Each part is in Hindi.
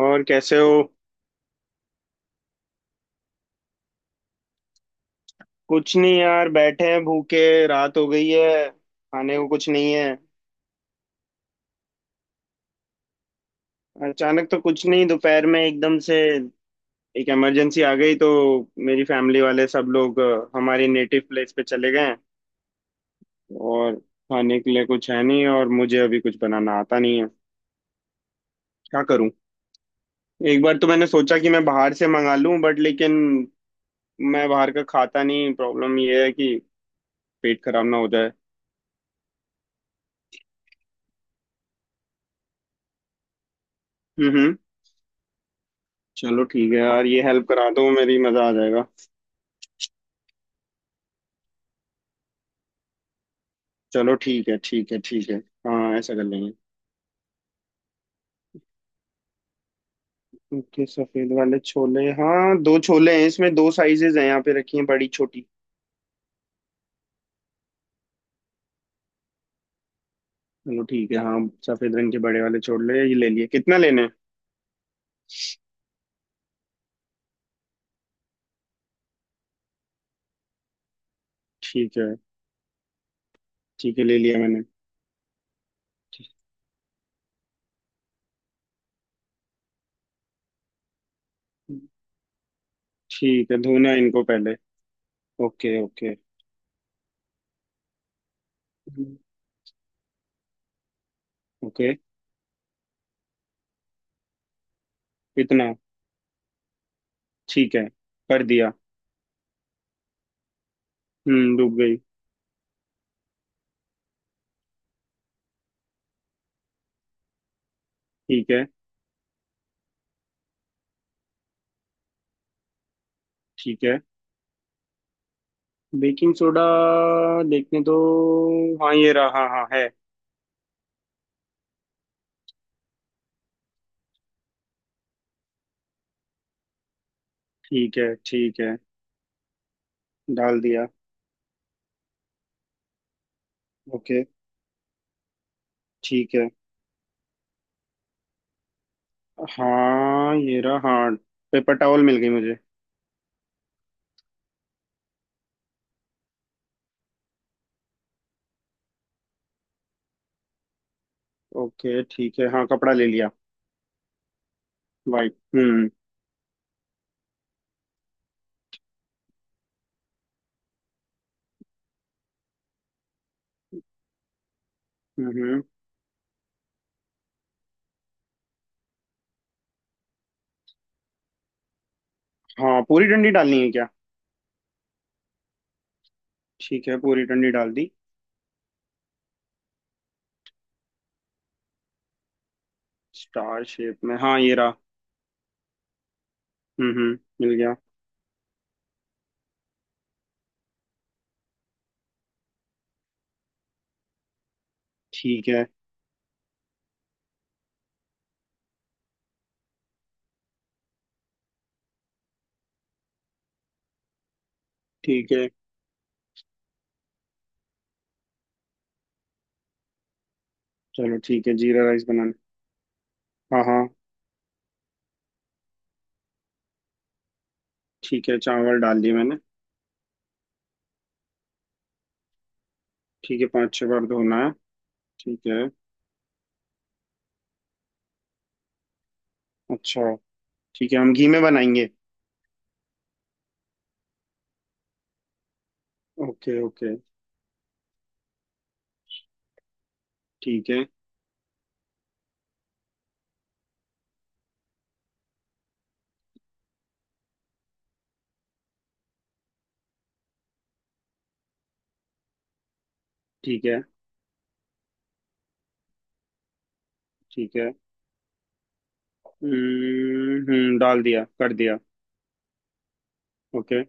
और कैसे हो। कुछ नहीं यार, बैठे हैं भूखे। रात हो गई है, खाने को कुछ नहीं है। अचानक तो कुछ नहीं, दोपहर में एकदम से एक इमरजेंसी आ गई तो मेरी फैमिली वाले सब लोग हमारी नेटिव प्लेस पे चले गए हैं। और खाने के लिए कुछ है नहीं, और मुझे अभी कुछ बनाना आता नहीं है। क्या करूं। एक बार तो मैंने सोचा कि मैं बाहर से मंगा लूं, बट लेकिन मैं बाहर का खाता नहीं, प्रॉब्लम ये है कि पेट खराब ना हो जाए। हम्म। चलो ठीक है यार, ये हेल्प करा दो मेरी, मजा आ जाएगा। चलो, ठीक है ठीक है ठीक है। हाँ ऐसा कर लेंगे। ओके, सफेद वाले छोले, हाँ दो छोले हैं इसमें, दो साइजेस हैं यहाँ पे रखी हैं, बड़ी छोटी। चलो ठीक है, हाँ। सफेद रंग के बड़े वाले छोले ये ले लिए, कितना लेना है। ठीक है। ठीक है, ले लिया मैंने। ठीक है, धोना है इनको पहले। Okay okay. ओके। इतना। ठीक है। कर दिया। हम्म, डूब गई। ठीक है। ठीक है। बेकिंग सोडा, देखने तो। हाँ ये रहा, हाँ हाँ है। ठीक है ठीक है। डाल दिया। ओके। ठीक है। हाँ ये रहा, हाँ। पेपर टॉवल मिल गई मुझे। ओके ठीक है, हाँ कपड़ा ले लिया। वाइट। हम्म। हम्म हम्म। हाँ पूरी डंडी डालनी है क्या। ठीक है, पूरी डंडी डाल दी। स्टार शेप में, हाँ ये रहा। हम्म, मिल गया। ठीक है। ठीक है। चलो ठीक है, जीरा राइस बनाना। हाँ हाँ। ठीक है, चावल डाल दिए मैंने। ठीक है, पाँच छह बार धोना है। ठीक है। अच्छा। ठीक है, हम घी में बनाएंगे। Okay okay. ठीक है ठीक है ठीक है। डाल दिया, कर दिया। ओके।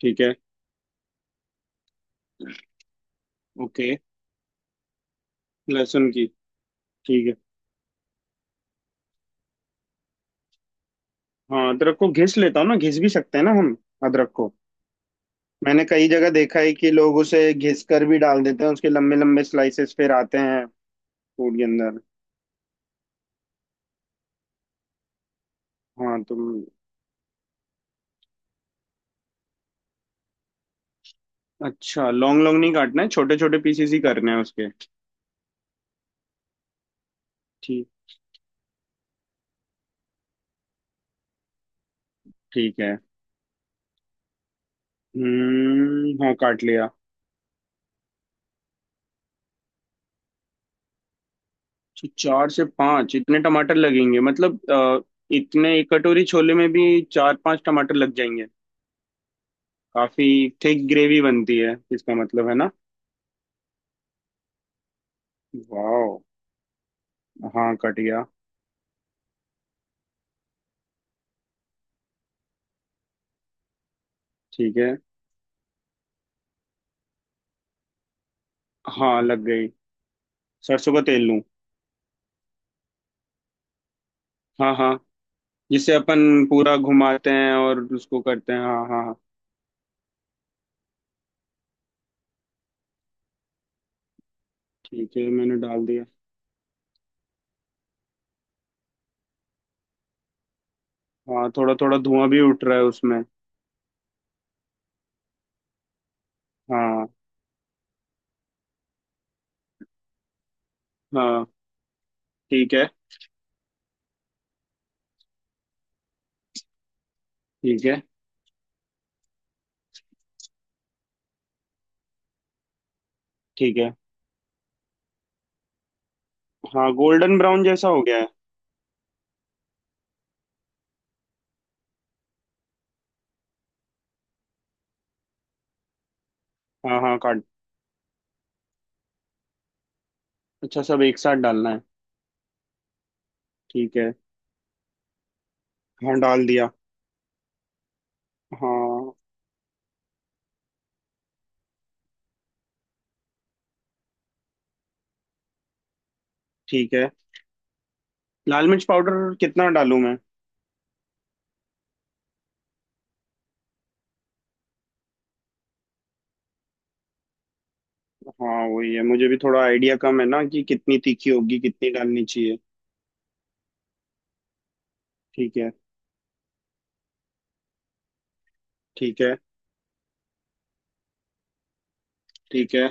ठीक है। ओके। लहसुन की। ठीक है। हाँ अदरक को घिस लेता हूँ ना, घिस भी सकते हैं ना हम, अदरक को। मैंने कई जगह देखा है कि लोग उसे घिस कर भी डाल देते हैं, उसके लंबे लंबे स्लाइसेस फिर आते हैं फूड के अंदर। हाँ तुम। अच्छा, लॉन्ग लॉन्ग नहीं काटना है, छोटे छोटे पीसेस ही करने हैं उसके। ठीक। ठीक है। हम्म, हाँ काट लिया। तो चार से पांच इतने टमाटर लगेंगे मतलब, इतने एक कटोरी छोले में भी चार पांच टमाटर लग जाएंगे। काफी थिक ग्रेवी बनती है इसका मतलब है ना। वाह, हाँ कट गया। ठीक है। हाँ लग गई। सरसों का तेल लूं। हाँ हाँ। जिससे अपन पूरा घुमाते हैं और उसको करते हैं, हाँ हाँ हाँ। ठीक है, मैंने डाल दिया। हाँ थोड़ा थोड़ा धुआं भी उठ रहा है उसमें। हाँ। हाँ। ठीक है। ठीक है। ठीक है। हाँ गोल्डन ब्राउन जैसा हो गया है। हाँ हाँ काट। अच्छा, सब एक साथ डालना है। ठीक है, हाँ डाल दिया। हाँ। ठीक है। लाल मिर्च पाउडर कितना डालूं मैं। हाँ वही है, मुझे भी थोड़ा आइडिया कम है ना कि कितनी तीखी होगी, कितनी डालनी चाहिए। ठीक है। ठीक है। ठीक है।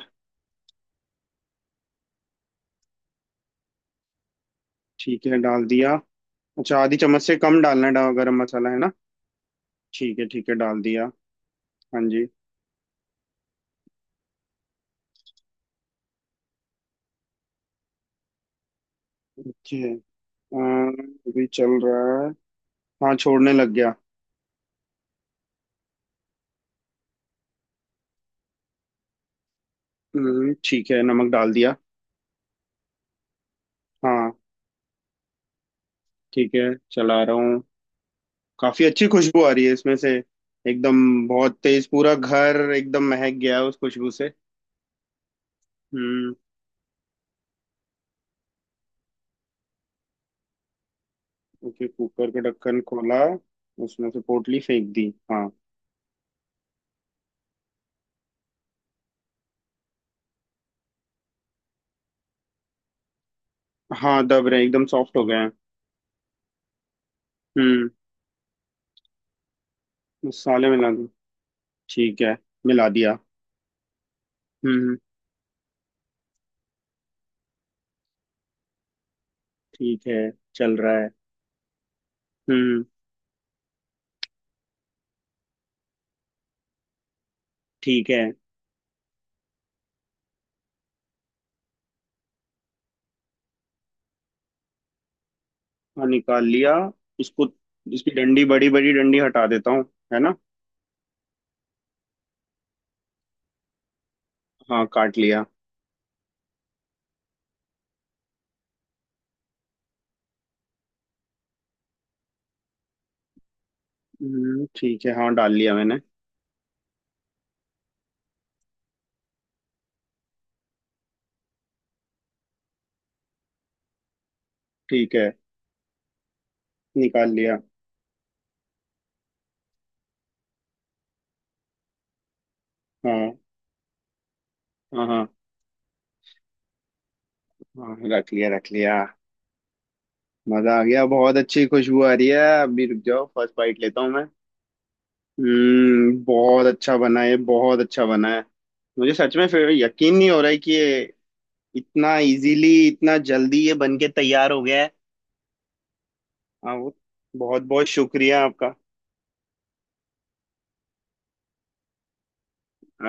ठीक है, डाल दिया। अच्छा, आधी चम्मच से कम डालना है, गरम मसाला है ना। ठीक है, ठीक है डाल दिया। हाँ जी। ओके। अम, अभी चल रहा है। हाँ, छोड़ने लग गया। ठीक है नमक डाल दिया। हाँ। ठीक है, चला रहा हूँ। काफी अच्छी खुशबू आ रही है इसमें से। एकदम, बहुत तेज पूरा घर एकदम महक गया है उस खुशबू से। हम्म। ओके कुकर का ढक्कन खोला। उसमें से पोटली फेंक दी। हाँ। हाँ दब रहे, एकदम सॉफ्ट हो गए हैं। हम्म, मसाले मिला दो। ठीक है, मिला दिया। हम्म। ठीक है, चल रहा है। हम्म। ठीक है, हाँ निकाल लिया इसको। इसकी डंडी, बड़ी बड़ी डंडी हटा देता हूँ, है ना। हाँ काट लिया। ठीक है, हाँ डाल लिया मैंने। ठीक है, निकाल लिया। हाँ हाँ। हाँ, हाँ रख लिया रख लिया। मजा आ गया, बहुत अच्छी खुशबू आ रही है, अभी रुक जाओ फर्स्ट बाइट लेता हूँ मैं। हम्म, बहुत अच्छा बना है, बहुत अच्छा बना है। मुझे सच में फिर यकीन नहीं हो रहा है कि ये इतना इजीली इतना जल्दी ये बन के तैयार हो गया है। हाँ वो, बहुत बहुत शुक्रिया आपका।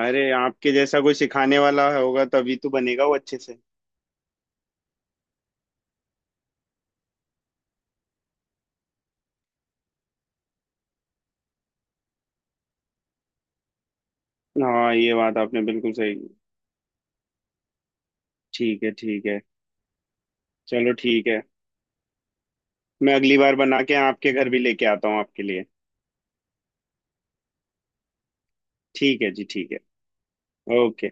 अरे आपके जैसा कोई सिखाने वाला होगा तभी तो बनेगा वो अच्छे से। हाँ ये बात आपने बिल्कुल सही की। ठीक है ठीक है। चलो ठीक है, मैं अगली बार बना के आपके घर भी लेके आता हूँ आपके लिए। ठीक है जी, ठीक है। ओके।